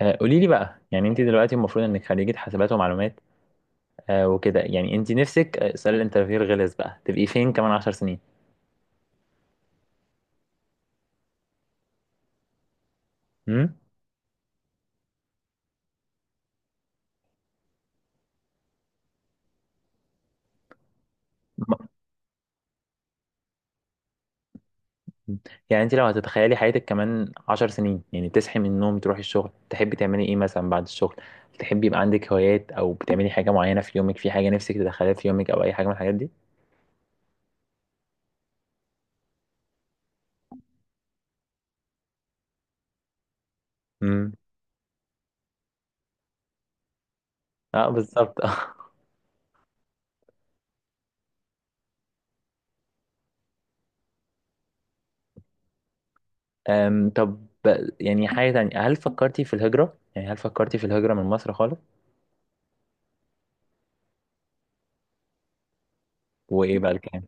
قولي لي بقى، يعني انت دلوقتي المفروض انك خريجة حاسبات ومعلومات. وكده، يعني انت نفسك، سؤال الانترفيو الغلس بقى، تبقي فين كمان عشر سنين؟ امم. يعني انت لو هتتخيلي حياتك كمان عشر سنين، يعني تصحي من النوم، تروحي الشغل، تحبي تعملي ايه مثلا بعد الشغل؟ تحبي يبقى عندك هوايات او بتعملي حاجة معينة في يومك، في حاجة نفسك تدخليها في يومك او اي حاجة من الحاجات دي؟ امم، اه بالظبط. طب، يعني حاجة تانية، هل فكرتي في الهجرة؟ يعني هل فكرتي في الهجرة من مصر خالص؟ وايه بقى الكلام؟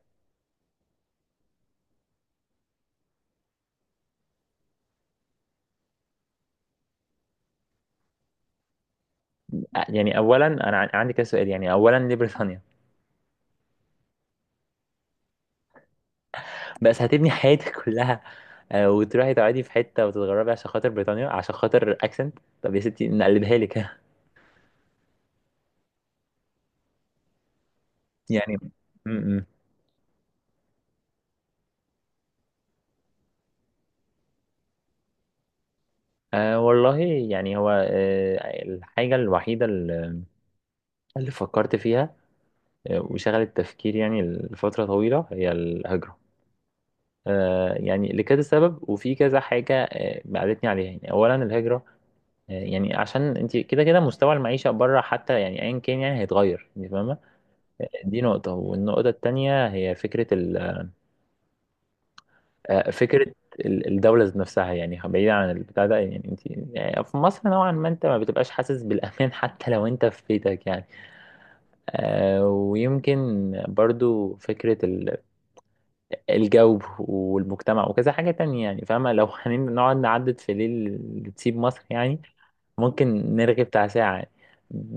يعني اولا انا عندي كذا سؤال. يعني اولا، ليه بريطانيا؟ بس هتبني حياتك كلها؟ وتروحي تقعدي في حته وتتغربي عشان خاطر بريطانيا، عشان خاطر اكسنت؟ طب يا ستي نقلبها لك. يعني م -م. أه والله. يعني هو الحاجه الوحيده اللي فكرت فيها، وشغلت تفكيري يعني لفتره طويله، هي الهجره. أه، يعني لكذا سبب وفي كذا حاجه بعدتني عليها. يعني اولا الهجره، يعني عشان انت كده كده مستوى المعيشة بره، حتى يعني ايا كان، يعني هيتغير، انت فاهمة. دي نقطة، والنقطة التانية هي فكرة الدولة ذات نفسها. يعني بعيدا عن البتاع ده، يعني انت يعني في مصر نوعا ما انت ما بتبقاش حاسس بالأمان حتى لو انت في بيتك، يعني ويمكن برضو فكرة الجو والمجتمع، وكذا حاجة تانية. يعني فاهمة، لو هنقعد نعدد في ليل تسيب مصر، يعني ممكن نرغي بتاع ساعة يعني.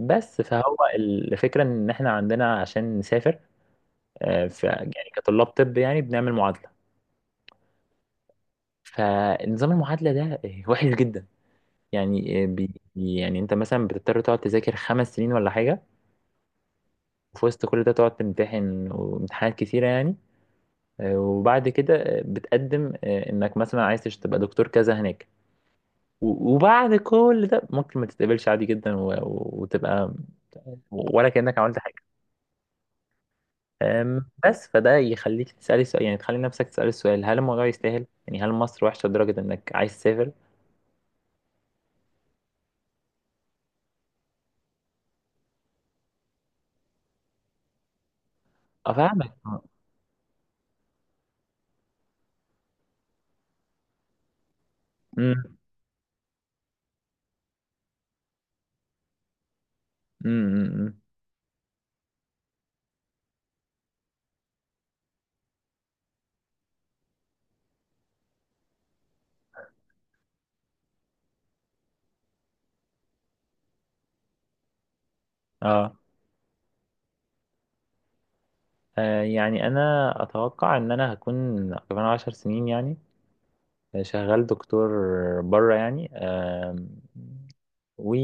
بس فهو الفكرة إن إحنا عندنا عشان نسافر، ف يعني كطلاب طب، يعني بنعمل معادلة. فنظام المعادلة ده وحش جدا. يعني آه، بي يعني أنت مثلا بتضطر تقعد تذاكر خمس سنين ولا حاجة، وفي وسط كل ده تقعد تمتحن وامتحانات كتيرة يعني. وبعد كده بتقدم إنك مثلا عايز تبقى دكتور كذا هناك، وبعد كل ده ممكن ما تتقبلش عادي جدا، وتبقى ولا كأنك عملت. بس فده يخليك تسألي سؤال، يعني تخلي نفسك تسألي السؤال، هل الموضوع يستاهل؟ يعني هل مصر وحشة لدرجة إنك عايز تسافر؟ أفهمك أه. أمم، أمم، أمم. أه، يعني أنا أتوقع إن أنا هكون كمان عشر سنين، يعني شغال دكتور بره. يعني و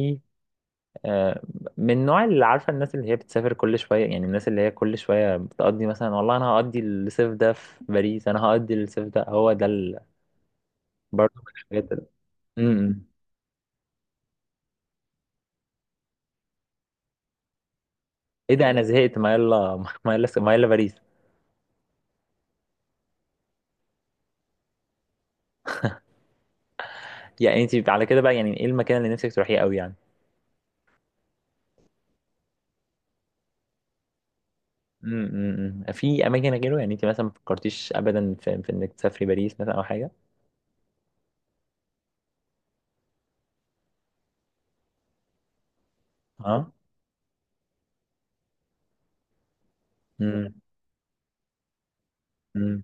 آه، من النوع اللي عارفه، الناس اللي هي بتسافر كل شويه، يعني الناس اللي هي كل شويه بتقضي، مثلا والله انا هقضي الصيف ده في باريس، انا هقضي الصيف ده، هو ده برضه. امم. ايه ده انا زهقت، ما يلا ما يلا ما يلا باريس. يعني انت على كده بقى، يعني ايه المكان اللي نفسك تروحيه قوي يعني؟ امم، أمم. في اماكن غيره، يعني انت مثلا ما فكرتيش ابدا في انك تسافري باريس مثلا او حاجه؟ اه. امم، امم.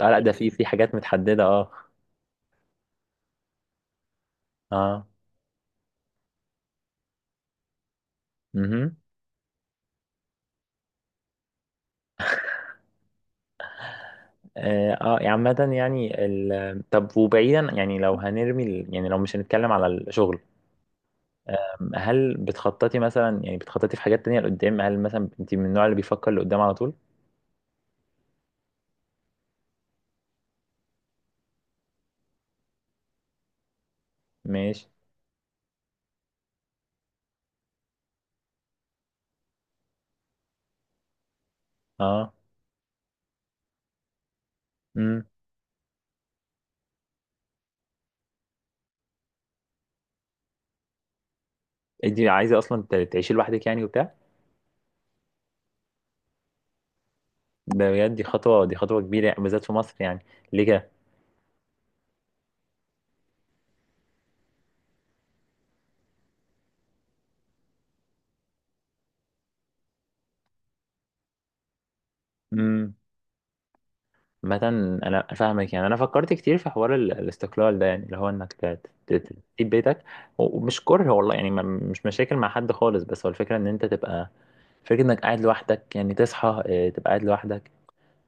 آه لا، ده في حاجات متحدده اه. اه. امم. اه. يعني عامه، يعني ال... آه، طب، وبعيدا يعني لو هنرمي يعني لو مش هنتكلم على الشغل. هل بتخططي مثلا، يعني بتخططي في حاجات تانية لقدام؟ هل مثلا انت من النوع اللي بيفكر لقدام على طول؟ ماشي. اه. امم. انت عايزه اصلا تعيشي لوحدك يعني وبتاع ده؟ بجد دي خطوه، دي خطوه كبيره يعني، بالذات في مصر يعني. ليه كده؟ امم. مثلا انا فاهمك، يعني انا فكرت كتير في حوار الاستقلال ده، يعني اللي هو انك تسيب بيتك، ومش كره والله يعني، مش مشاكل مع حد خالص، بس هو الفكره ان انت تبقى، فكره انك قاعد لوحدك، يعني تصحى تبقى قاعد لوحدك.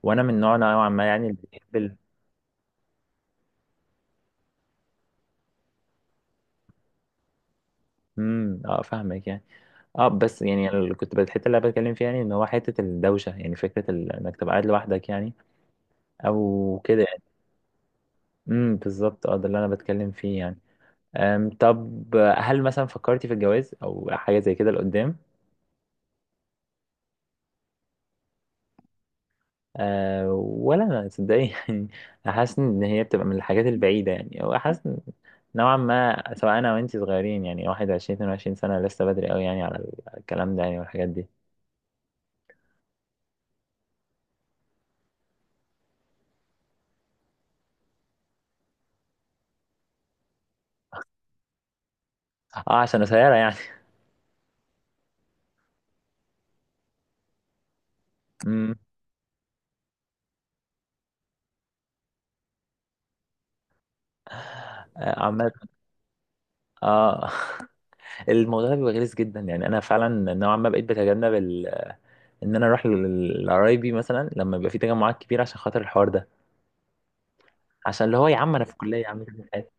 وانا من نوع نوعا ما، يعني اللي بيحب امم، اه فاهمك يعني. اه بس يعني اللي كنت الحته اللي انا بتكلم فيها، يعني ان هو حته الدوشه، يعني فكره انك تبقى قاعد لوحدك يعني، او كده يعني. امم، بالظبط، اه ده اللي انا بتكلم فيه يعني. طب، هل مثلا فكرتي في الجواز او حاجه زي كده لقدام؟ أه ولا انا تصدقي يعني. حاسس ان هي بتبقى من الحاجات البعيده، يعني او حاسس إن نوعا ما، سواء انا وانتي صغيرين، يعني 21 22 سنه لسه بدري قوي يعني على الكلام ده، يعني والحاجات دي. اه عشان قصيره يعني. امم. عمال. اه. الموضوع ده بيبقى غلس جدا، يعني انا فعلا نوعا ما بقيت بتجنب ان انا اروح لقرايبي مثلا لما يبقى في تجمعات كبيره، عشان خاطر الحوار ده. عشان اللي هو يا عم انا في الكليه، يا عم سيبني في حالي.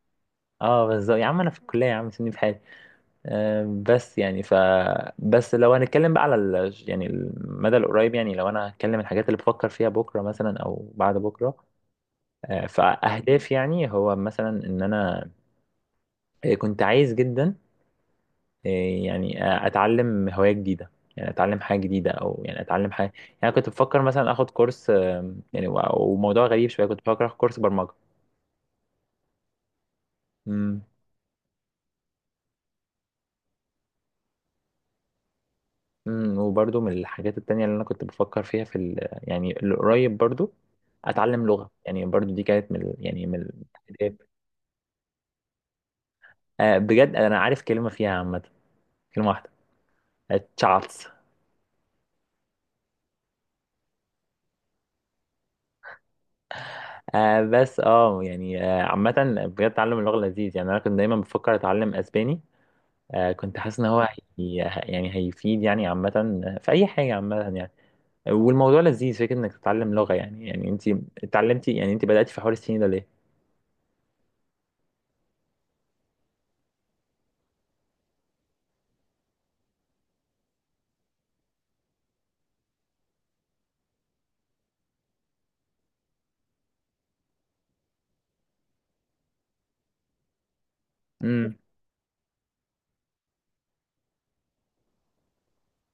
اه بالظبط، يا عم انا في الكليه، يا عم سيبني في حالي. بس يعني بس لو هنتكلم بقى على يعني المدى القريب، يعني لو انا هتكلم الحاجات اللي بفكر فيها بكره مثلا او بعد بكره، فاهداف، يعني هو مثلا ان انا كنت عايز جدا إيه يعني، اتعلم هواية جديدة، يعني اتعلم حاجة جديدة او يعني اتعلم حاجة. يعني كنت بفكر مثلا اخد كورس، يعني وموضوع غريب شوية، كنت بفكر اخد كورس برمجة. امم. امم، وبرضو من الحاجات التانية اللي انا كنت بفكر فيها في يعني القريب برضو، اتعلم لغة. يعني برضو دي كانت من يعني من الحاجات، بجد انا عارف كلمة فيها عامة، كلمة واحدة: تشاتس. بس يعني عامة، بجد تعلم اللغة لذيذ يعني، انا كنت دايما بفكر اتعلم اسباني. كنت حاسس ان هي... يعني هيفيد يعني عامة، في اي حاجة عامة يعني، والموضوع لذيذ فكرة انك تتعلم لغة يعني انت اتعلمتي، يعني انت بدأتي في حوار الصيني ده ليه؟ امم.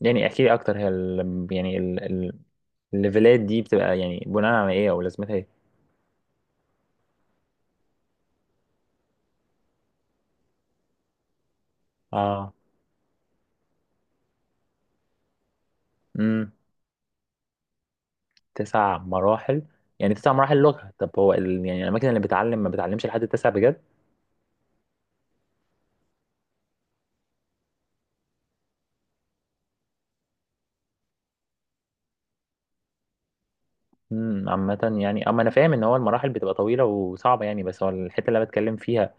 يعني احكي لي اكتر، هي يعني الليفلات دي بتبقى يعني بناء على ايه، او لازمتها ايه؟ اه. امم. تسع مراحل. يعني تسع مراحل لغة؟ طب هو يعني الاماكن اللي بتعلم ما بتعلمش لحد التسع بجد؟ امم. عامة يعني، اما انا فاهم ان هو المراحل بتبقى طويلة وصعبة يعني، بس هو الحتة اللي أنا بتكلم فيها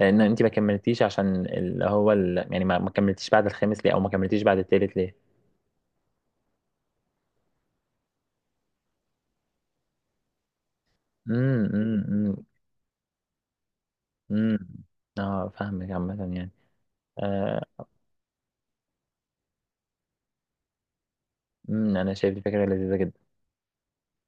ان انت ما كملتيش، عشان اللي هو يعني ما كملتيش بعد الخامس ليه، او ما كملتيش بعد التالت ليه؟ امم، امم، امم، إمم. اه فاهمك عامة يعني. آه انا شايف دي فكرة لذيذة جدا.